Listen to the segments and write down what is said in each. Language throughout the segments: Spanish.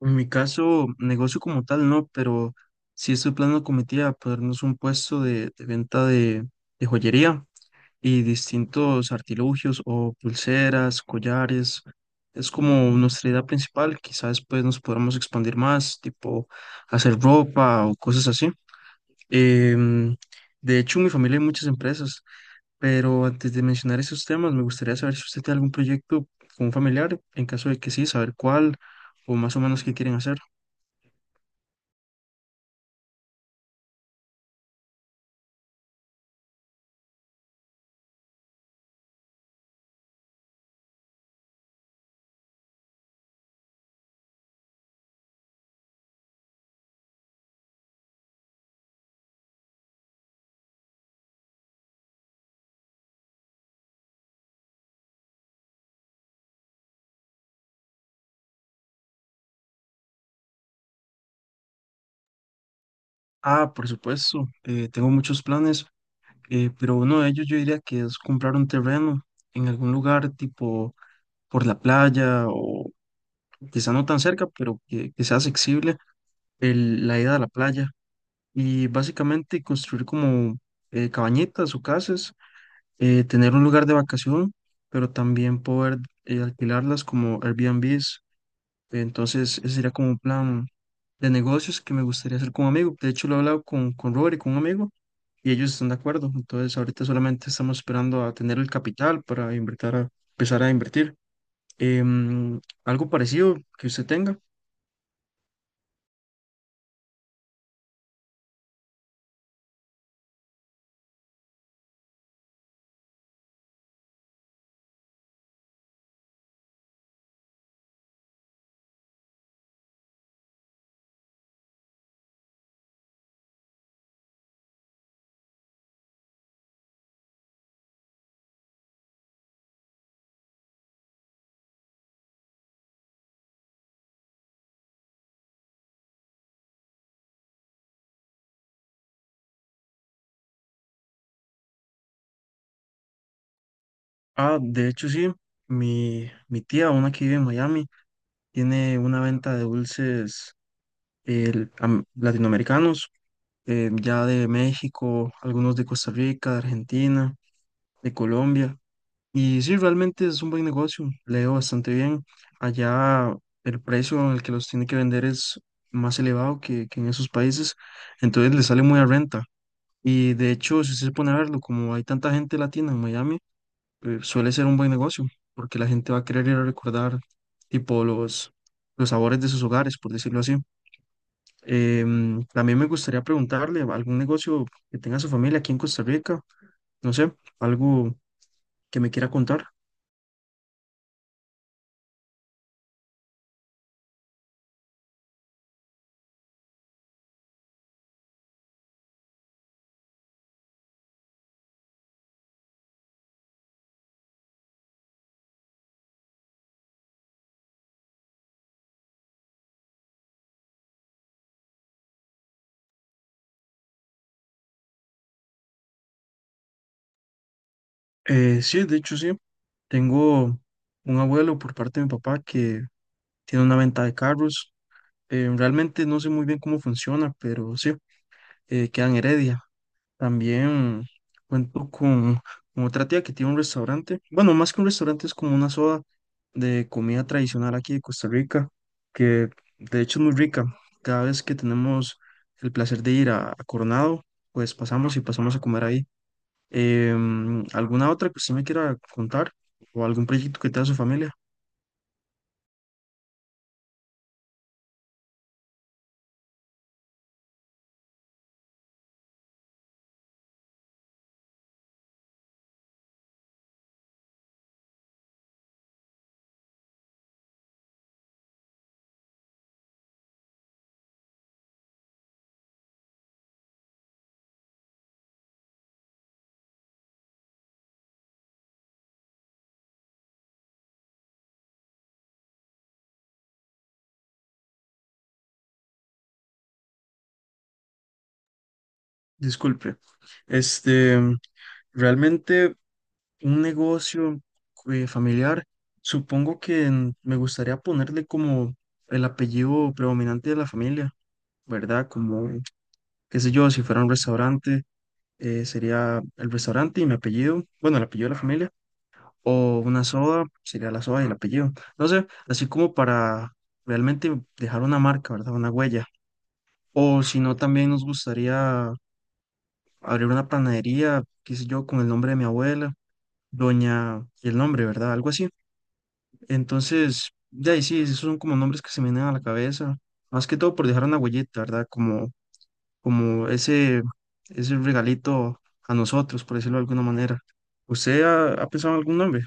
En mi caso, negocio como tal no, pero sí estoy planeando con mi tía ponernos un puesto de venta de joyería y distintos artilugios o pulseras, collares. Es como nuestra idea principal. Quizás después nos podamos expandir más, tipo hacer ropa o cosas así. Em, de hecho, en mi familia hay muchas empresas, pero antes de mencionar esos temas, me gustaría saber si usted tiene algún proyecto con un familiar, en caso de que sí, saber cuál o más o menos qué quieren hacer. Ah, por supuesto, tengo muchos planes, pero uno de ellos yo diría que es comprar un terreno en algún lugar tipo por la playa o quizá no tan cerca, pero que sea accesible la ida a la playa y básicamente construir como cabañitas o casas, tener un lugar de vacación, pero también poder alquilarlas como Airbnbs. Entonces, ese sería como un plan de negocios que me gustaría hacer con un amigo. De hecho, lo he hablado con Robert y con un amigo y ellos están de acuerdo. Entonces, ahorita solamente estamos esperando a tener el capital para invertir a, empezar a invertir. Algo parecido que usted tenga. Ah, de hecho, sí, mi tía, una que vive en Miami, tiene una venta de dulces latinoamericanos, ya de México, algunos de Costa Rica, de Argentina, de Colombia. Y sí, realmente es un buen negocio, le ha ido bastante bien. Allá el precio en el que los tiene que vender es más elevado que en esos países, entonces le sale muy a renta. Y de hecho, si usted se pone a verlo, como hay tanta gente latina en Miami, suele ser un buen negocio, porque la gente va a querer ir a recordar tipo los sabores de sus hogares, por decirlo así. También me gustaría preguntarle algún negocio que tenga su familia aquí en Costa Rica, no sé, algo que me quiera contar. Sí, de hecho sí. Tengo un abuelo por parte de mi papá que tiene una venta de carros. Realmente no sé muy bien cómo funciona, pero sí, queda en Heredia. También cuento con otra tía que tiene un restaurante. Bueno, más que un restaurante, es como una soda de comida tradicional aquí de Costa Rica, que de hecho es muy rica. Cada vez que tenemos el placer de ir a Coronado, pues pasamos y pasamos a comer ahí. ¿Alguna otra que usted me quiera contar? ¿O algún proyecto que tenga su familia? Disculpe, este, realmente un negocio familiar, supongo que me gustaría ponerle como el apellido predominante de la familia, ¿verdad? Como, qué sé yo, si fuera un restaurante, sería el restaurante y mi apellido, bueno, el apellido de la familia, o una soda, sería la soda y el apellido, no sé, así como para realmente dejar una marca, ¿verdad? Una huella. O si no, también nos gustaría abrir una panadería, qué sé yo, con el nombre de mi abuela, doña y el nombre, ¿verdad? Algo así. Entonces, de ahí sí, esos son como nombres que se me vienen a la cabeza, más que todo por dejar una huellita, ¿verdad? Como, como ese, ese regalito a nosotros, por decirlo de alguna manera. ¿Usted ha pensado en algún nombre?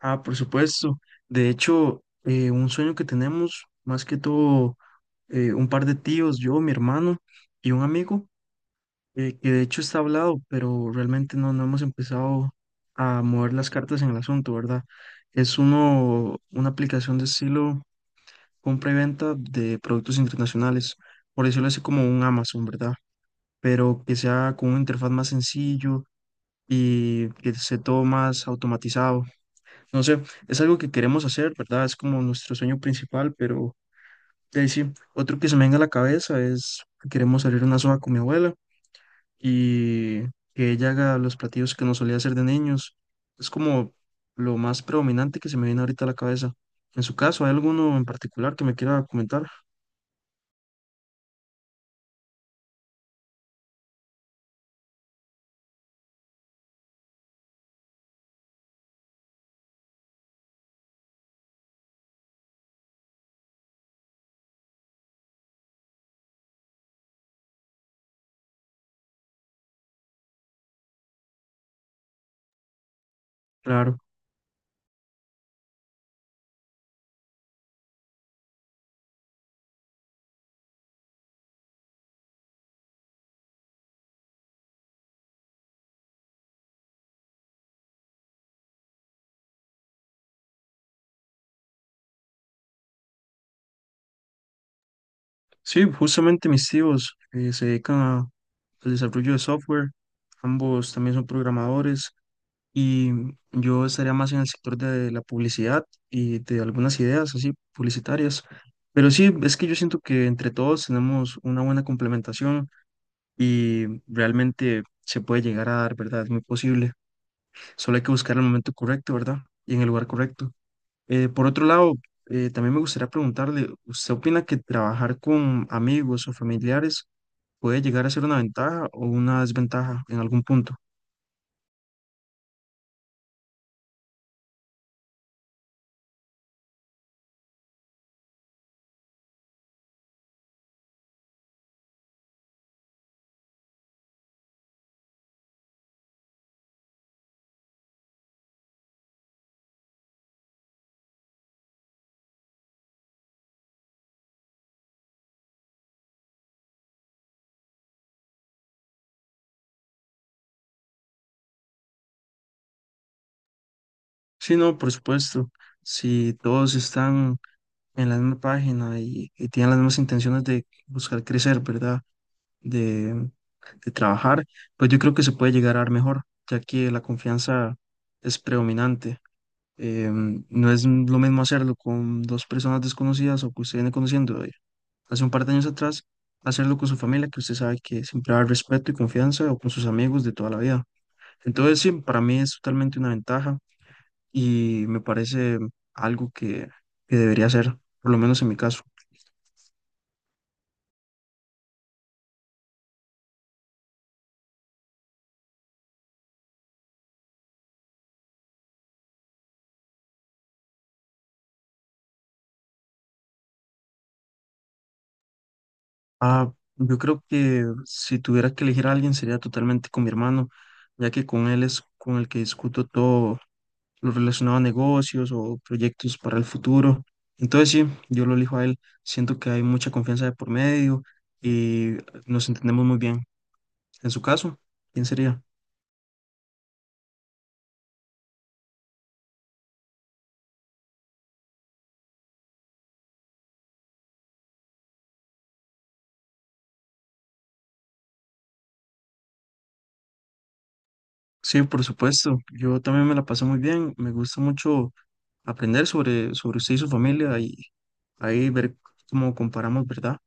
Ah, por supuesto. De hecho, un sueño que tenemos, más que todo, un par de tíos, yo, mi hermano y un amigo que de hecho está hablado, pero realmente no hemos empezado a mover las cartas en el asunto, ¿verdad? Es uno, una aplicación de estilo compra y venta de productos internacionales, por decirlo así como un Amazon, ¿verdad? Pero que sea con una interfaz más sencillo y que esté todo más automatizado. No sé, es algo que queremos hacer, ¿verdad? Es como nuestro sueño principal, pero de ahí sí, otro que se me venga a la cabeza es que queremos salir a una soga con mi abuela y que ella haga los platillos que no solía hacer de niños. Es como lo más predominante que se me viene ahorita a la cabeza. En su caso, ¿hay alguno en particular que me quiera comentar? Claro. Sí, justamente mis tíos se dedican al desarrollo de software. Ambos también son programadores y yo estaría más en el sector de la publicidad y de algunas ideas así publicitarias. Pero sí, es que yo siento que entre todos tenemos una buena complementación y realmente se puede llegar a dar, ¿verdad? Es muy posible. Solo hay que buscar el momento correcto, ¿verdad? Y en el lugar correcto. Por otro lado, también me gustaría preguntarle, ¿usted opina que trabajar con amigos o familiares puede llegar a ser una ventaja o una desventaja en algún punto? Sí, no, por supuesto. Si todos están en la misma página y tienen las mismas intenciones de buscar crecer, ¿verdad? De trabajar, pues yo creo que se puede llegar a dar mejor, ya que la confianza es predominante. No es lo mismo hacerlo con dos personas desconocidas o que usted viene conociendo de hace un par de años atrás, hacerlo con su familia, que usted sabe que siempre va a haber respeto y confianza, o con sus amigos de toda la vida. Entonces, sí, para mí es totalmente una ventaja y me parece algo que debería ser, por lo menos en mi caso. Ah, yo creo que si tuviera que elegir a alguien sería totalmente con mi hermano, ya que con él es con el que discuto todo lo relacionado a negocios o proyectos para el futuro. Entonces sí, yo lo elijo a él. Siento que hay mucha confianza de por medio y nos entendemos muy bien. En su caso, ¿quién sería? Sí, por supuesto. Yo también me la paso muy bien. Me gusta mucho aprender sobre, sobre usted y su familia y ahí ver cómo comparamos, ¿verdad?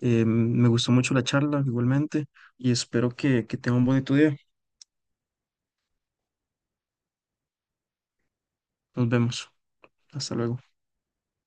Me gustó mucho la charla igualmente y espero que tenga un bonito día. Nos vemos. Hasta luego.